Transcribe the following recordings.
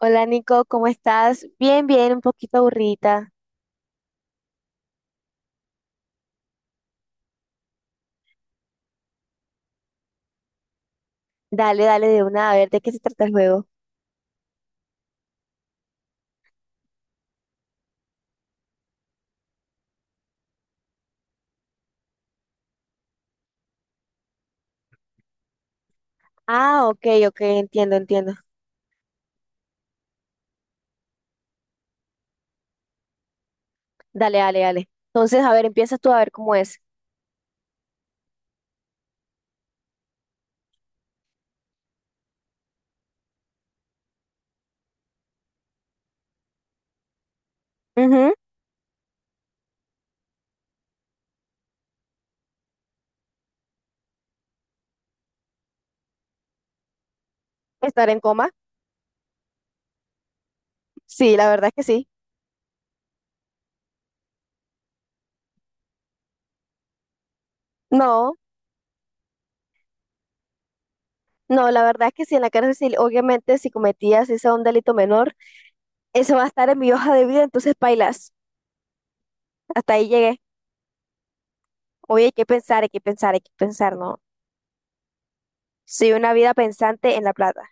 Hola Nico, ¿cómo estás? Bien, bien, un poquito aburrida. Dale, dale de una, a ver, ¿de qué se trata el juego? Ah, ok, ok, entiendo, entiendo. Dale, dale, dale. Entonces, a ver, empiezas tú a ver cómo es. Ujú. ¿Estar en coma? Sí, la verdad es que sí. No, no, la verdad es que sí, en la cárcel, sí, obviamente, si cometías ese un delito menor, eso va a estar en mi hoja de vida, entonces bailas. Hasta ahí llegué. Oye, hay que pensar, hay que pensar, hay que pensar, ¿no? Soy una vida pensante en la plata.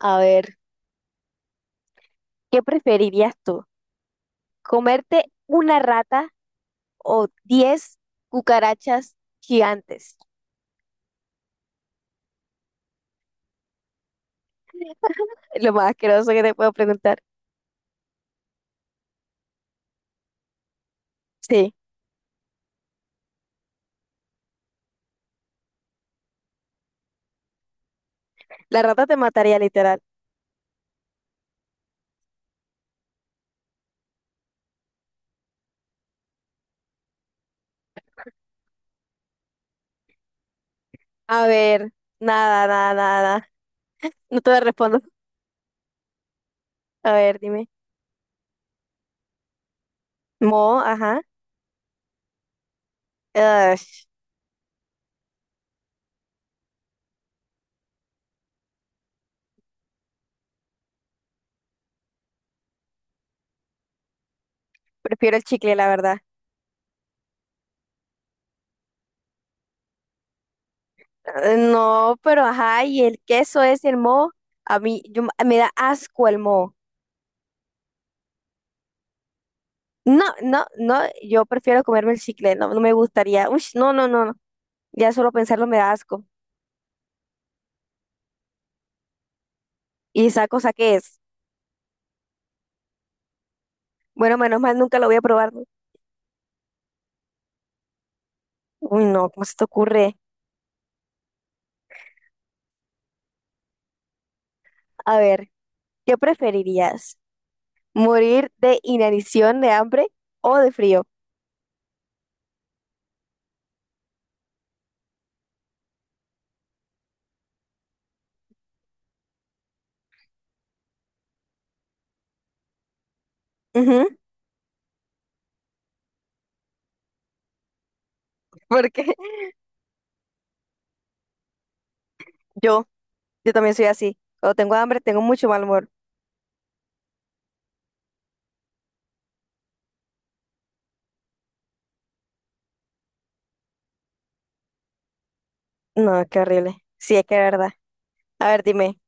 A ver, ¿qué preferirías tú? Comerte una rata o 10 cucarachas gigantes. Lo más asqueroso que te puedo preguntar. Sí, la rata te mataría literal. A ver, nada, nada, nada. No te lo respondo. A ver, dime. Mo, ajá. Ugh, prefiero el chicle, la verdad. No, pero ajá, y el queso es el mo. A mí me da asco el mo. No, no, no, yo prefiero comerme el chicle, no, no me gustaría. Uy, no, no, no, no. Ya solo pensarlo me da asco. ¿Y esa cosa qué es? Bueno, menos mal nunca lo voy a probar, ¿no? Uy, no, ¿cómo se te ocurre? A ver, ¿qué preferirías? ¿Morir de inanición de hambre o de frío? Ujú. Porque yo, yo también soy así. Cuando tengo hambre, tengo mucho mal humor. No, qué horrible. Sí, es que es verdad. A ver, dime.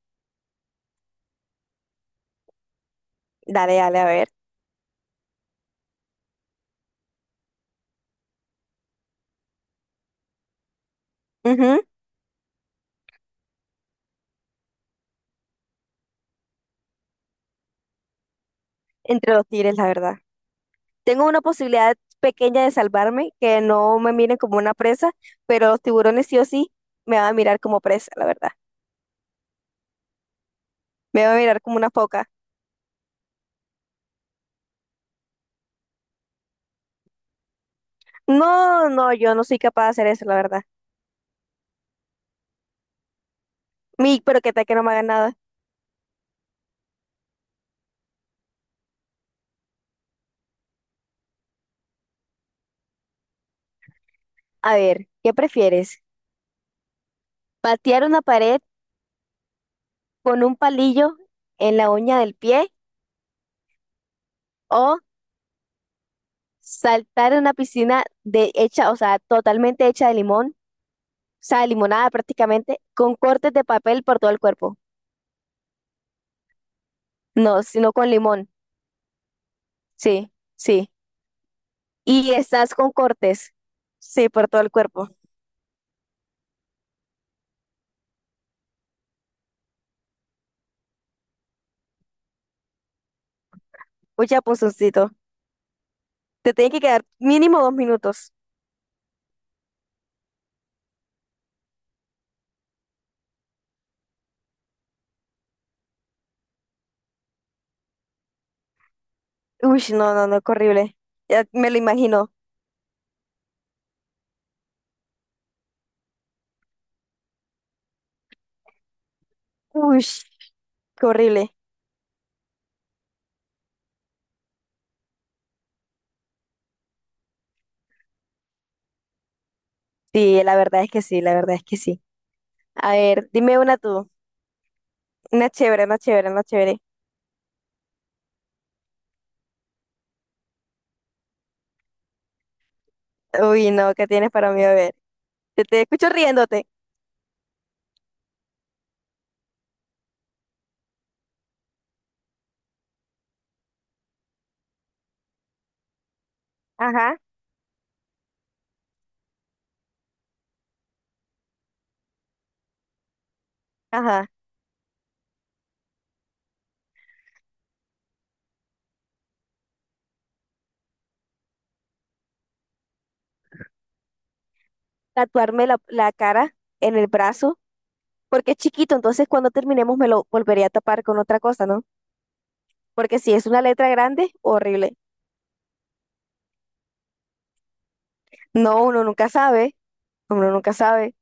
Dale, dale, a ver. Ujú. Entre los tigres, la verdad. Tengo una posibilidad pequeña de salvarme, que no me miren como una presa, pero los tiburones sí o sí me van a mirar como presa, la verdad. Me van a mirar como una foca. No, no, yo no soy capaz de hacer eso, la verdad. Mi, pero que tal que no me haga nada. A ver, ¿qué prefieres? ¿Patear una pared con un palillo en la uña del pie o saltar en una piscina de hecha, o sea, totalmente hecha de limón, o sea, limonada prácticamente, con cortes de papel por todo el cuerpo? No, sino con limón. Sí, sí. Y estás con cortes. Sí, por todo el cuerpo. Mucha punzoncito. Te tiene que quedar mínimo 2 minutos. Uy, no, no, no, qué horrible. Ya me lo imagino. Uy, qué horrible. Sí, la verdad es que sí, la verdad es que sí. A ver, dime una tú. Una chévere, una chévere, una chévere. Uy, no, ¿qué tienes para mí? A ver. Te escucho riéndote. Ajá, ajá. Tatuarme la cara en el brazo, porque es chiquito, entonces cuando terminemos me lo volvería a tapar con otra cosa, ¿no? Porque si es una letra grande, horrible. No, uno nunca sabe, uno nunca sabe.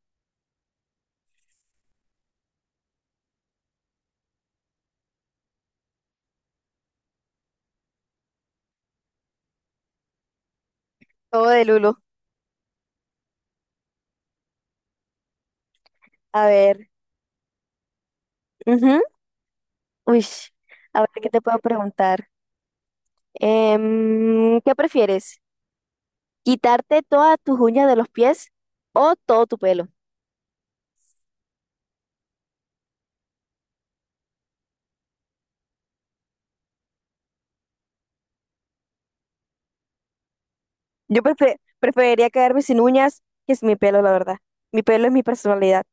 Todo de Lulo. A ver, ujú. Uy, a ver qué te puedo preguntar. Em, ¿qué prefieres? ¿Quitarte todas tus uñas de los pies o todo tu pelo? Yo preferiría quedarme sin uñas que sin mi pelo, la verdad. Mi pelo es mi personalidad.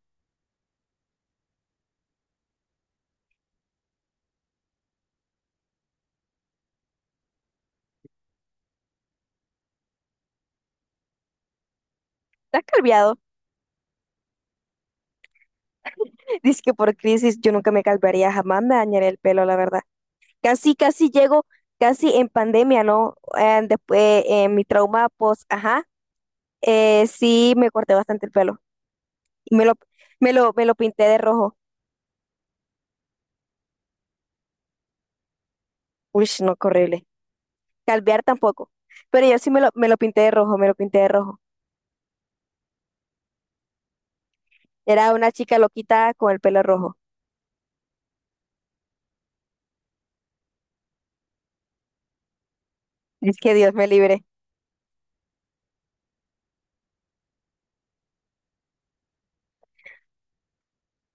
¿Estás calviado? Dice que por crisis yo nunca me calvaría, jamás me dañaré el pelo, la verdad. Casi, casi llego, casi en pandemia, ¿no? Después, mi trauma, pues, ajá, sí me corté bastante el pelo. Y me lo pinté de rojo. Uy, no, qué horrible. Calvear tampoco. Pero yo sí me lo pinté de rojo, me lo pinté de rojo. Era una chica loquita con el pelo rojo. Es que Dios me libre.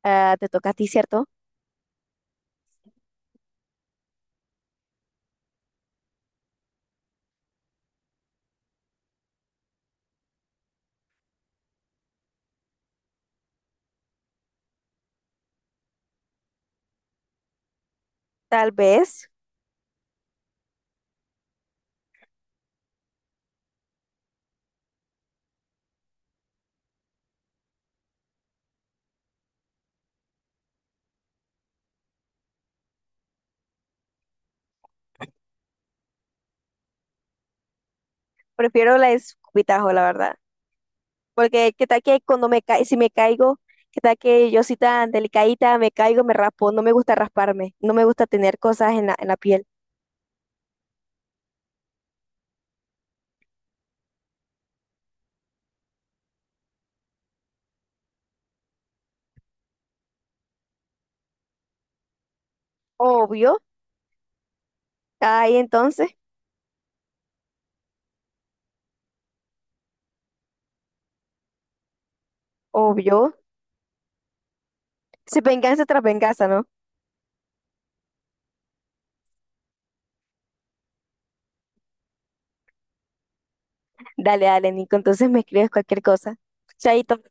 Ah, te toca a ti, ¿cierto? Tal vez. Prefiero la escupitajo, la verdad. Porque qué tal que cuando me ca si me caigo, qué tal que yo soy tan delicadita, me caigo, me raspo. No me gusta rasparme. No me gusta tener cosas en en la piel. Obvio. Ahí entonces, obvio. Si venganza tras venganza, ¿no? Dale, dale, Nico. Entonces me escribes cualquier cosa. Chaito.